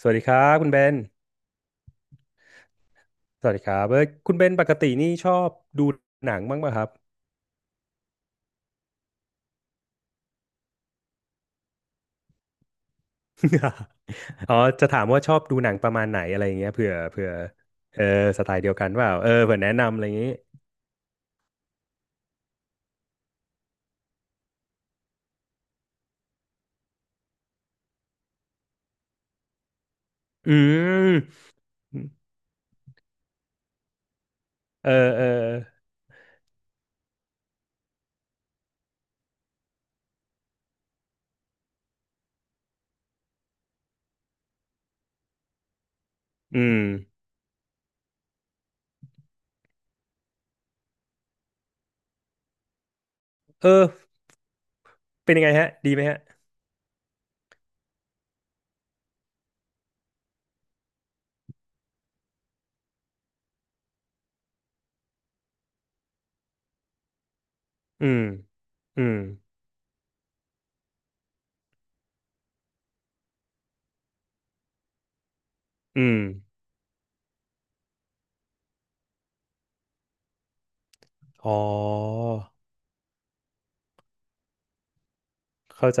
สวัสดีครับคุณเบน สวัสดีครับเอ้ยคุณเบนปกตินี่ชอบดูหนังบ้างป่ะครับ อ๋อจะถามว่าชอบดูหนังประมาณไหนอะไรอย่างเงี้ยเผื่อเออสไตล์เดียวกันเปล่าเออเผื่อแนะนำอะไรอย่างงี้อืมเออเอออืมเออเป็นยังไงฮะดีไหมฮะอืมอืมอืมอ๋อเข้าใจ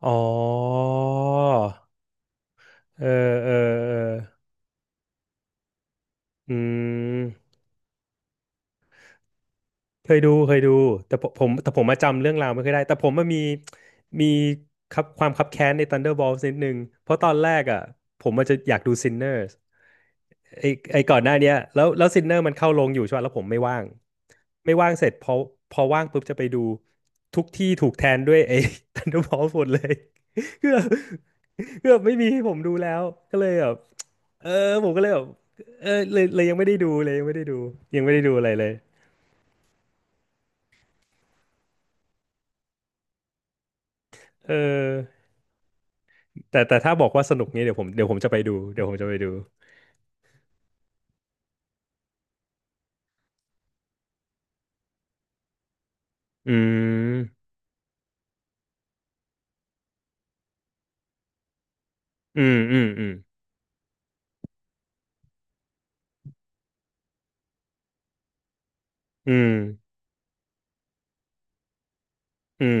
อ๋อเออเออเอออืม เคยดูแต่ผมแต่ผมมาจำเรื่องราวไม่ค่อยได้แต่ผมมันมีมีครับความคับแค้นใน Thunderbolts นิดนึงเพราะตอนแรกอ่ะผมมันจะอยากดู Sinners ไอไอก่อนหน้าเนี้ยแล้ว Sinner มันเข้าลงอยู่ใช่ป่ะแล้วผมไม่ว่างเสร็จพอพอว่างปุ๊บจะไปดูทุกที่ถูกแทนด้วยไอ้ Thunderbolts หมดเลยคือแบบคือแบบไม่มีให้ผมดูแล้วก็เลยแบบเออผมก็เลยแบบเออเลยยังไม่ได้ดูเลยยังไม่ได้ดูยังไม่ได้ดูอะไรเลยเออ แต่แต่ถ้าบอกว่าสนุกนี้เดี๋ยวผมจะไปดูเดี๋ยวผมจะไปดูอืมอืมอืมอืมอืมอืม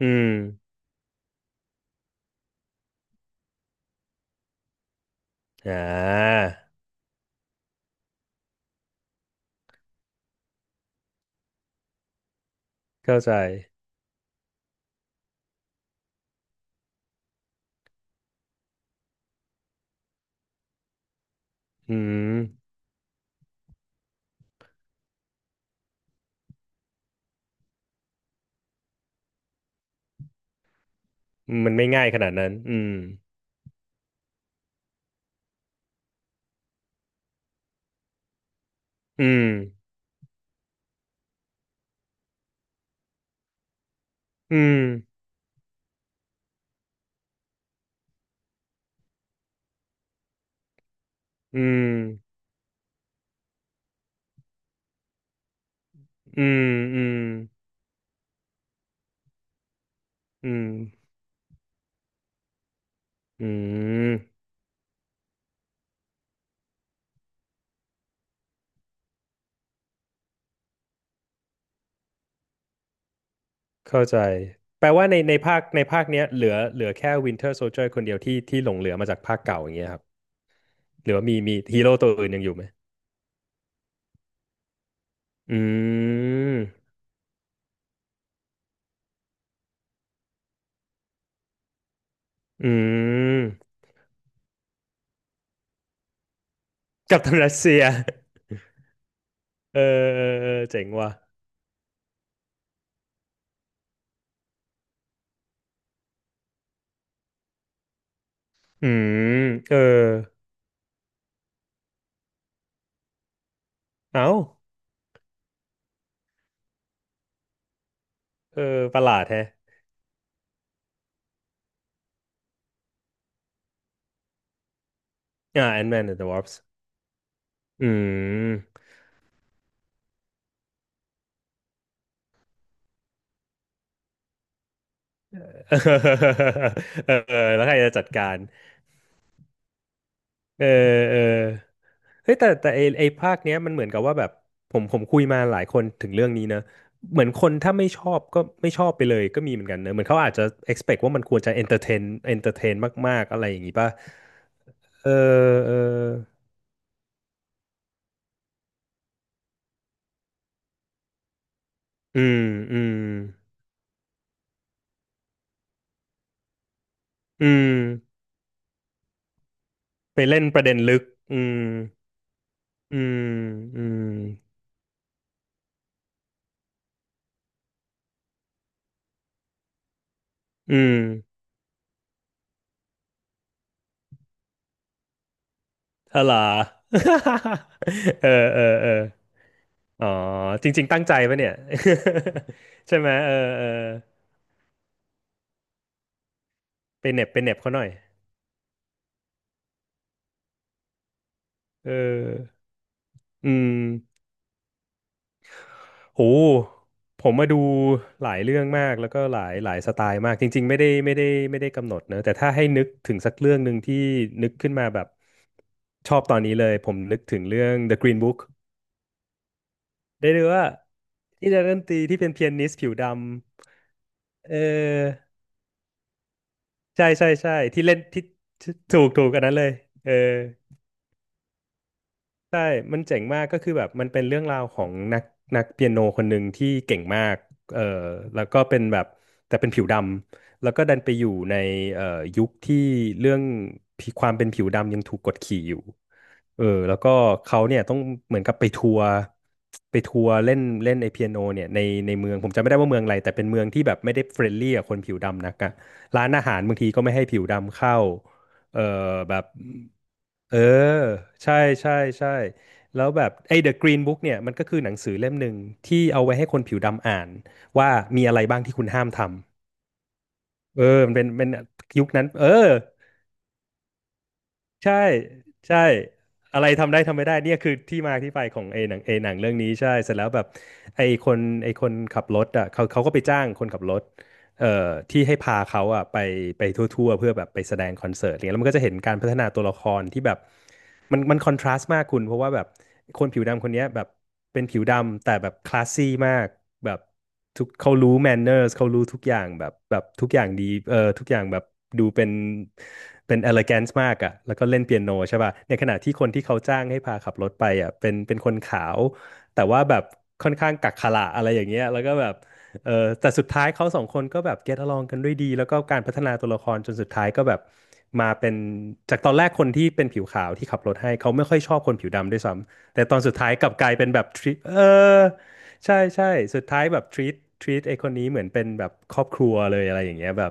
อืมอ่าเข้าใจอืมมันไม่ง่ายขนาดนั้นอืมอืมอืมอืมอืมอืมอืมอืมเข้าใจแปลว่าในภาคในภาคเนี้ยเหลือแค่ Winter Soldier คนเดียวที่หลงเหลือมาจากภาคเก่าอย่างเงี้ยครับหรือว่ามีฮีโร่ตัวอื่นยังอยู่ไหมอืมอืม กัปตันรัสเซียเออเออเออเจ๋งว่ะอืมเออเอ้าเออประหลาดแฮะอ่าแอนด์แมนเดอะวอร์ปอืม เออเออแล้วใครจะจัดการเออเออเฮ้ยแต่แต่ไอภาคเนี้ยมันเหมือนกับว่าแบบผมคุยมาหลายคนถึงเรื่องนี้นะ เหมือนคนถ้าไม่ชอบก็ไม่ชอบไปเลยก็มีเหมือนกันเนอะเหมือนเขาอาจจะ expect ว่ามันควรจะ entertain entertain มากๆอะไรอย่างงี้ป่ะเออเอออืมอืม อืมไปเล่นประเด็นลึกอืมอืมอืมอืมทลา เออเออเอออ๋อจริงๆตั้งใจปะเนี่ย ใช่ไหมเออเออไปเหน็บเขาหน่อยเอออืมโหผมมาดูหลายเรื่องมากแล้วก็หลายหลายสไตล์มากจริงๆไม่ได้กำหนดเนอะแต่ถ้าให้นึกถึงสักเรื่องหนึ่งที่นึกขึ้นมาแบบชอบตอนนี้เลยผมนึกถึงเรื่อง The Green Book ได้ดูว่าที่นักดนตรีที่เป็นเปียนิสผิวดำเออใช่ที่เล่นที่ที่ถูกอันนั้นเลยเออใช่มันเจ๋งมากก็คือแบบมันเป็นเรื่องราวของนักเปียโนคนหนึ่งที่เก่งมากเออแล้วก็เป็นแบบแต่เป็นผิวดำแล้วก็ดันไปอยู่ในเอ่อยุคที่เรื่องผิวความเป็นผิวดำยังถูกกดขี่อยู่ เออแล้วก็เขาเนี่ยต้องเหมือนกับไปทัวร์ไปทัวร์เล่นเล่นไอเปียโนเนี่ยในเมืองผมจำไม่ได้ว่าเมืองอะไรแต่เป็นเมืองที่แบบไม่ได้เฟรนลี่กับคนผิวดำนักอะร้านอาหารบางทีก็ไม่ให้ผิวดำเข้าเออแบบเออใช่ใช่ใช่แล้วแบบไอ้ The Green Book เนี่ยมันก็คือหนังสือเล่มหนึ่งที่เอาไว้ให้คนผิวดำอ่านว่ามีอะไรบ้างที่คุณห้ามทำเออมันเป็นเป็นยุคนั้นเออ ใช่ใช่อะไรทำได้ทำไม่ได้เนี่ยคือที่มาที่ไปของไอ้หนังเรื่องนี้ใช่เสร็จแล้วแบบไอ้คนไอ้คนขับรถอ่ะเขาก็ไปจ้างคนขับรถ เอ่อที่ให้พาเขาอะไปไปทั่วๆเพื่อแบบไปแสดงคอนเสิร์ตอะไรเงี้ยแล้วมันก็จะเห็นการพัฒนาตัวละครที่แบบมันคอนทราสต์มากคุณเพราะว่าแบบคนผิวดำคนเนี้ยแบบเป็นผิวดำแต่แบบคลาสซี่มากแบบทุกเขารู้แมนเนอร์สเขารู้ทุกอย่างแบบทุกอย่างดีทุกอย่างแบบดูเป็นเอเล g แกนซ์มากอะแล้วก็เล่นเปียโนใช่ป่ะในขณะที่คนที่เขาจ้างให้พาขับรถไปอะเป็นคนขาวแต่ว่าแบบค่อนข้างกักขระอะไรอย่างเงี้ยแล้วก็แบบ เออแต่สุดท้ายเขาสองคนก็แบบ get along กันด้วยดีแล้วก็การพัฒนาตัวละครจนสุดท้ายก็แบบมาเป็นจากตอนแรกคนที่เป็นผิวขาวที่ขับรถให้เขาไม่ค่อยชอบคนผิวดำด้วยซ้ำแต่ตอนสุดท้ายกลับกลายเป็นแบบ treat เออใช่ใช่สุดท้ายแบบ treat ไอ้คนนี้เหมือนเป็นแบบครอบครัวเลยอะไรอย่างเงี้ยแบบ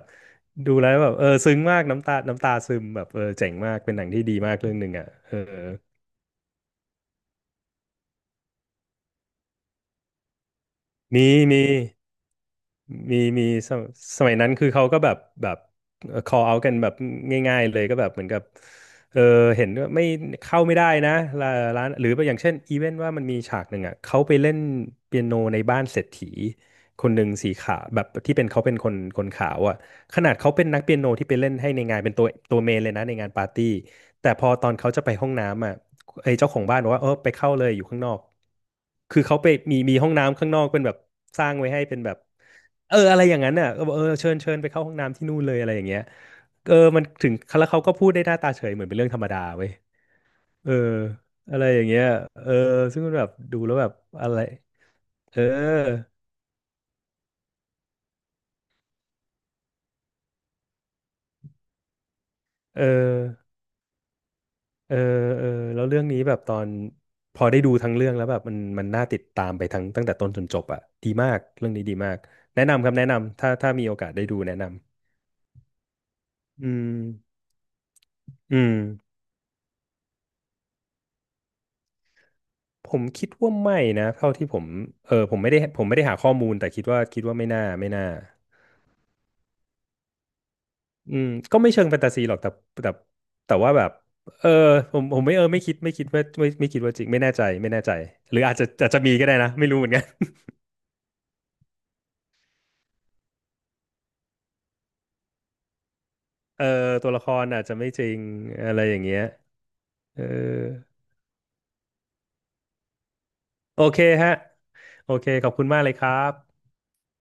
ดูแล้วแบบเออซึ้งมากน้ำตาซึมแบบเออเจ๋งมากเป็นหนังที่ดีมากเรื่องหนึ่งอ่ะเออมีมี มีมีสมสมัยนั้นคือเขาก็แบบcall out กันแบบง่ายๆเลยก็แบบเหมือนกับเออเห็นว่าไม่เข้าไม่ได้นะร้าร้านหรืออย่างเช่นอีเวนต์ว่ามันมีฉากหนึ่งอ่ะเขาไปเล่นเปียโนในบ้านเศรษฐีคนหนึ่งสีขาวแบบที่เป็นเขาเป็นคนขาวอ่ะขนาดเขาเป็นนักเปียโนที่ไปเล่นให้ในงานเป็นตัวเมนเลยนะในงานปาร์ตี้แต่พอตอนเขาจะไปห้องน้ำอ่ะ ไอ้เจ้าของบ้านบอกว่าเออไปเข้าเลยอยู่ข้างนอก คือเขาไปมีห้องน้ำข้างนอกเป็นแบบสร้างไว้ให้เป็นแบบเอออะไรอย่างนั้นน่ะก็บอกเออเชิญเชิญไปเข้าห้องน้ำที่นู่นเลยอะไรอย่างเงี้ยเออมันถึงแล้วเขาก็พูดได้หน้าตาเฉยเหมือนเป็นเรื่องธรรมดาเว้ยเอออะไรอย่างเงี้ยเออซึ่งมันแบบดูแล้วแบบอะไร เออเออ เออเออแล้วเรื่องนี้แบบตอนพอได้ดูทั้งเรื่องแล้วแบบมันน่าติดตามไปทั้งตั้งแต่ต้นจนจบอ่ะดีมากเรื่องนี้ดีมากแนะนำครับแนะนำถ้ามีโอกาสได้ดูแนะนำอืมอืมผมคิดว่าไม่นะเท่าที่ผมเออผมไม่ได้หาข้อมูลแต่คิดว่าไม่น่าอืมก็ไม่เชิงแฟนตาซีหรอกแต่แต่ว่าแบบเออผมไม่เออไม่คิดไม่คิดว่าไม่ไม่คิดว่าจริงไม่แน่ใจหรืออาจจะมีก็ได้นะไม่รู้เหมือนกัน เออตัวละครอาจจะไม่จริงอะไรอย่างเงี้ย เออโอเคฮะโอเคขอบคุณมากเลยครับ